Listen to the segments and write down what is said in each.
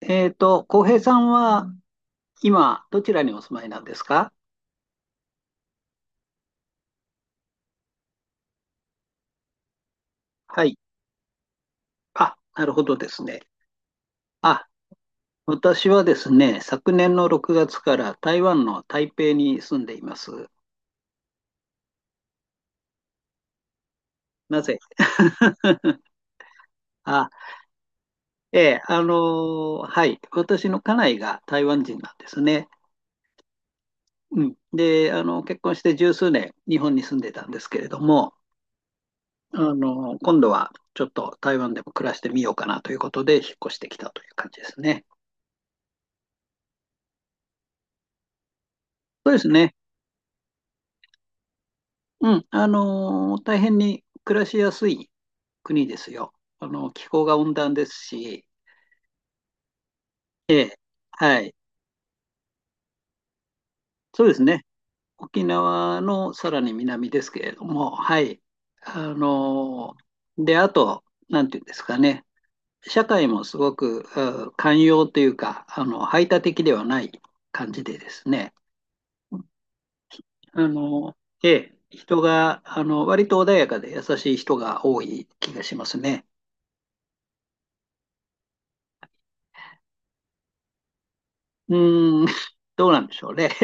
浩平さんは今、どちらにお住まいなんですか？はい。あ、なるほどですね。あ、私はですね、昨年の6月から台湾の台北に住んでいます。なぜ？ あ、ええ、はい。私の家内が台湾人なんですね。うん。で、結婚して十数年、日本に住んでたんですけれども、今度はちょっと台湾でも暮らしてみようかなということで、引っ越してきたという感じですね。そうですね。うん、大変に暮らしやすい国ですよ。気候が温暖ですし、はい、そうですね。沖縄のさらに南ですけれども、はい。あので、あと、なんていうんですかね、社会もすごく、うん、寛容というか、排他的ではない感じでですね、あのええ、人が、割と穏やかで優しい人が多い気がしますね。うーん、どうなんでしょうね。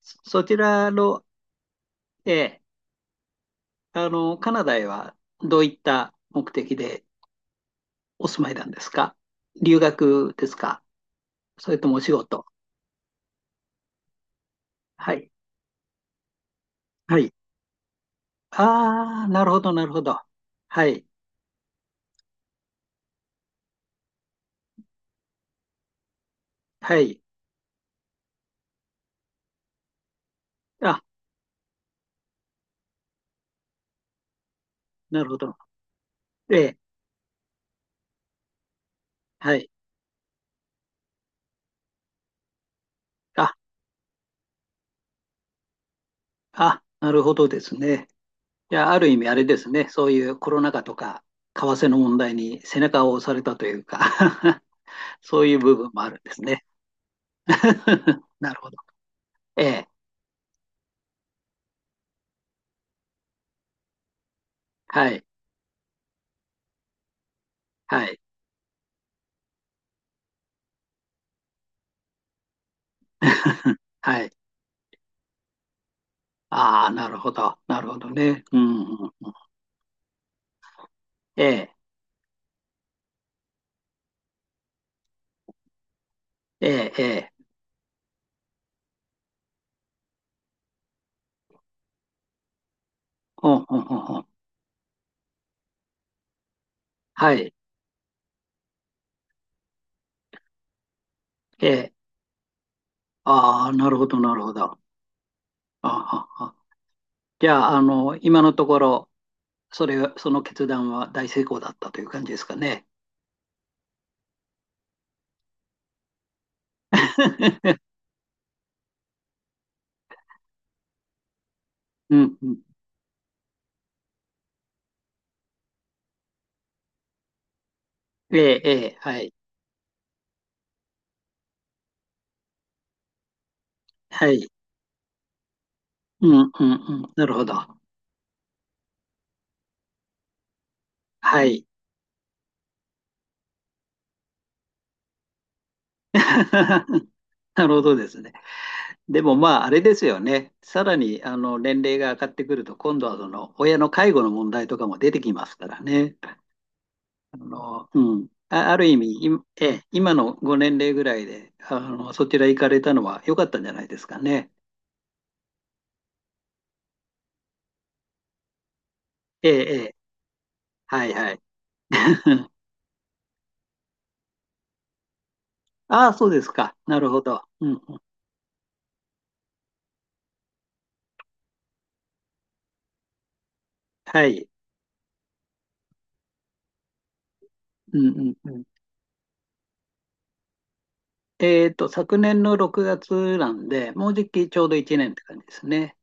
そちらの、ええ、カナダへはどういった目的でお住まいなんですか？留学ですか？それともお仕事？はい。はい。ああ、なるほど、なるほど。はい。はい。あ、なるほど。ええ、はい。あ、あ、なるほどですね。いや、ある意味あれですね。そういうコロナ禍とか、為替の問題に背中を押されたというか。 そういう部分もあるんですね。なるほど。ええ、はい。はい。はい。ああ、なるほど。なるほどね。うん、うん。ええ、ええ、ええ。ほんほんほんほん。はい。ええ。ああ、なるほど、なるほど。ああ、ああ、じゃあ、今のところ、その決断は大成功だったという感じですかね。うん、うん。ええ、ええ、はい。はい。うん、うん、うん。なるほど。はい。なるほどですね。でもまあ、あれですよね。さらに、年齢が上がってくると、今度はその、親の介護の問題とかも出てきますからね。うん。あ、ある意味、ええ、今のご年齢ぐらいで、そちら行かれたのは良かったんじゃないですかね。ええ、ええ、はいはい。ああ、そうですか。なるほど。うんうん、はい。うんうんうん。昨年の6月なんで、もうじきちょうど1年って感じですね。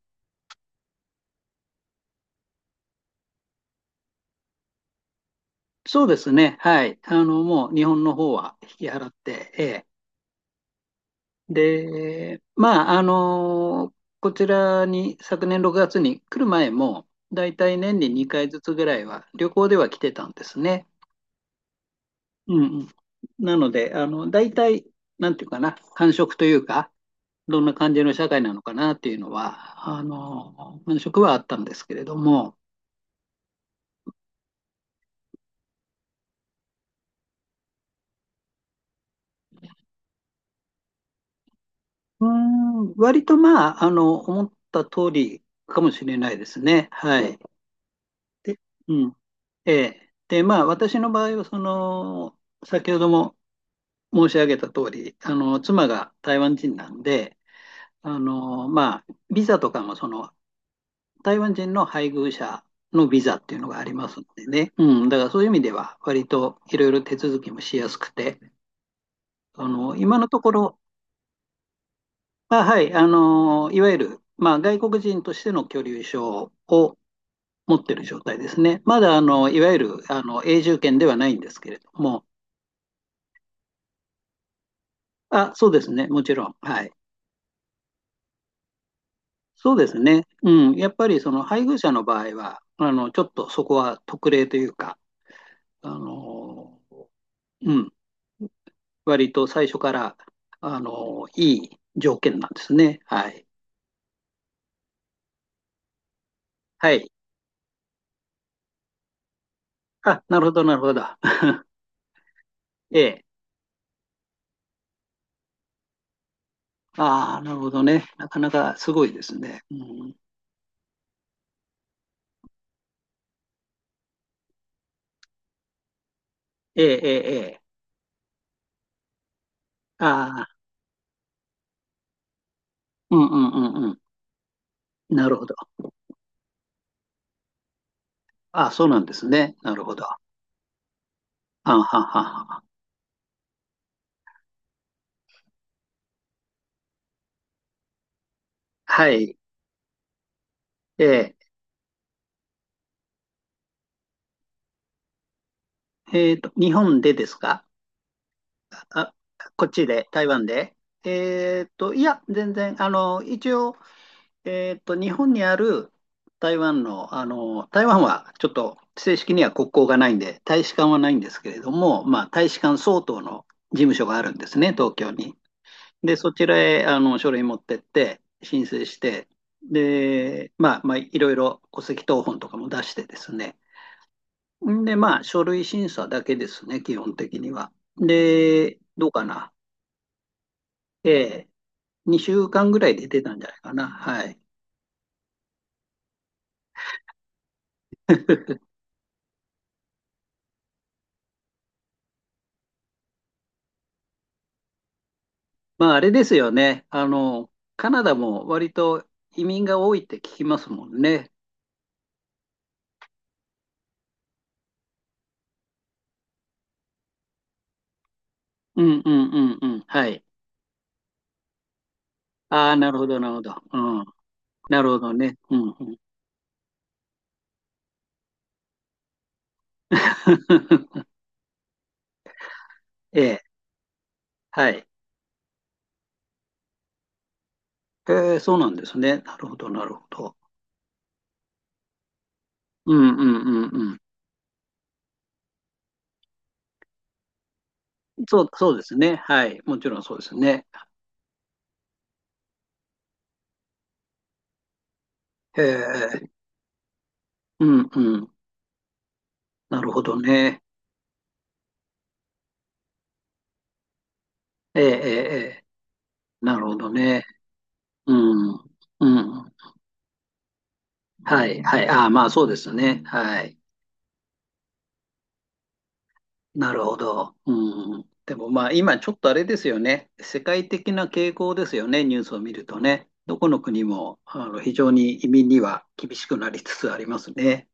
そうですね。はい。もう日本の方は引き払って、で、まあ、こちらに昨年6月に来る前も、だいたい年に2回ずつぐらいは旅行では来てたんですね。うんうん。なので、だいたい、なんていうかな、感触というか、どんな感じの社会なのかなっていうのは、感触はあったんですけれども、うーん、割とまあ、思った通りかもしれないですね。はい。で、うん。ええ。で、まあ、私の場合は、先ほども申し上げた通り、妻が台湾人なんで、まあ、ビザとかも、台湾人の配偶者のビザっていうのがありますんでね。うん。だから、そういう意味では、割といろいろ手続きもしやすくて、今のところ、まあ、はい、いわゆる、まあ、外国人としての居留証を持ってる状態ですね。まだ、いわゆる、永住権ではないんですけれども、あ、そうですね、もちろん。はい。そうですね。うん。やっぱりその配偶者の場合は、ちょっとそこは特例というか、あの、うん。割と最初から、いい条件なんですね。はい。はい。あ、なるほど、なるほど。ええ。ああ、なるほどね。なかなかすごいですね。うん、ええ、ええ、ええ。ああ、うんうんうんうん。なるほど。ああ、そうなんですね。なるほど。はんはんはんはん。はい。ええ。日本でですか？あ、こっちで、台湾で。いや、全然、一応、日本にある台湾の、台湾はちょっと正式には国交がないんで、大使館はないんですけれども、まあ、大使館相当の事務所があるんですね、東京に。で、そちらへ、書類持ってって、申請して、で、まあ、いろいろ戸籍謄本とかも出してですね。んで、まあ、書類審査だけですね、基本的には。で、どうかな。ええ、2週間ぐらい出てたんじゃないかな。はい。まあ、あれですよね。カナダも割と移民が多いって聞きますもんね。うんうんうんうん。はい。ああ、なるほど、なるほど。うん。なるほどね。うんうん。ええ、はい。ええ、そうなんですね。なるほど、なるほど。うんうんうんうん。そう、そうですね。はい。もちろんそうですね。ええ、うんうん。なるほどね。ええ、ええ、ええ、なるほどね。うん。うん。はい。はい。ああ、まあそうですよね。はい。なるほど。うん。でもまあ今ちょっとあれですよね。世界的な傾向ですよね。ニュースを見るとね。どこの国も非常に移民には厳しくなりつつありますね。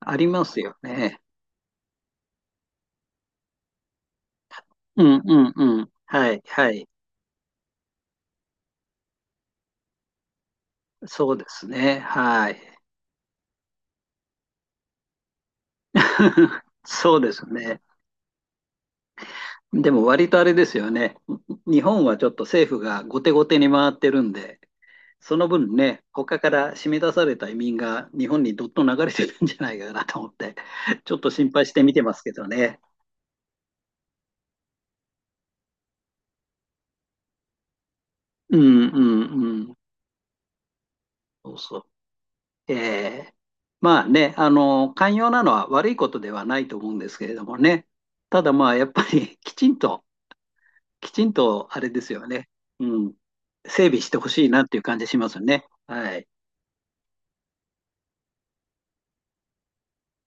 ありますよね。うんうんうん。はい。はい。そうですね。はい。そうですね。でも割とあれですよね。日本はちょっと政府が後手後手に回ってるんで、その分ね、他から締め出された移民が日本にどっと流れてるんじゃないかなと思って、ちょっと心配して見てますけどね。うんうんうん。そうそう。ええ、まあね、寛容なのは悪いことではないと思うんですけれどもね。ただまあ、やっぱり きちんとあれですよね。うん。整備してほしいなっていう感じしますね。はい。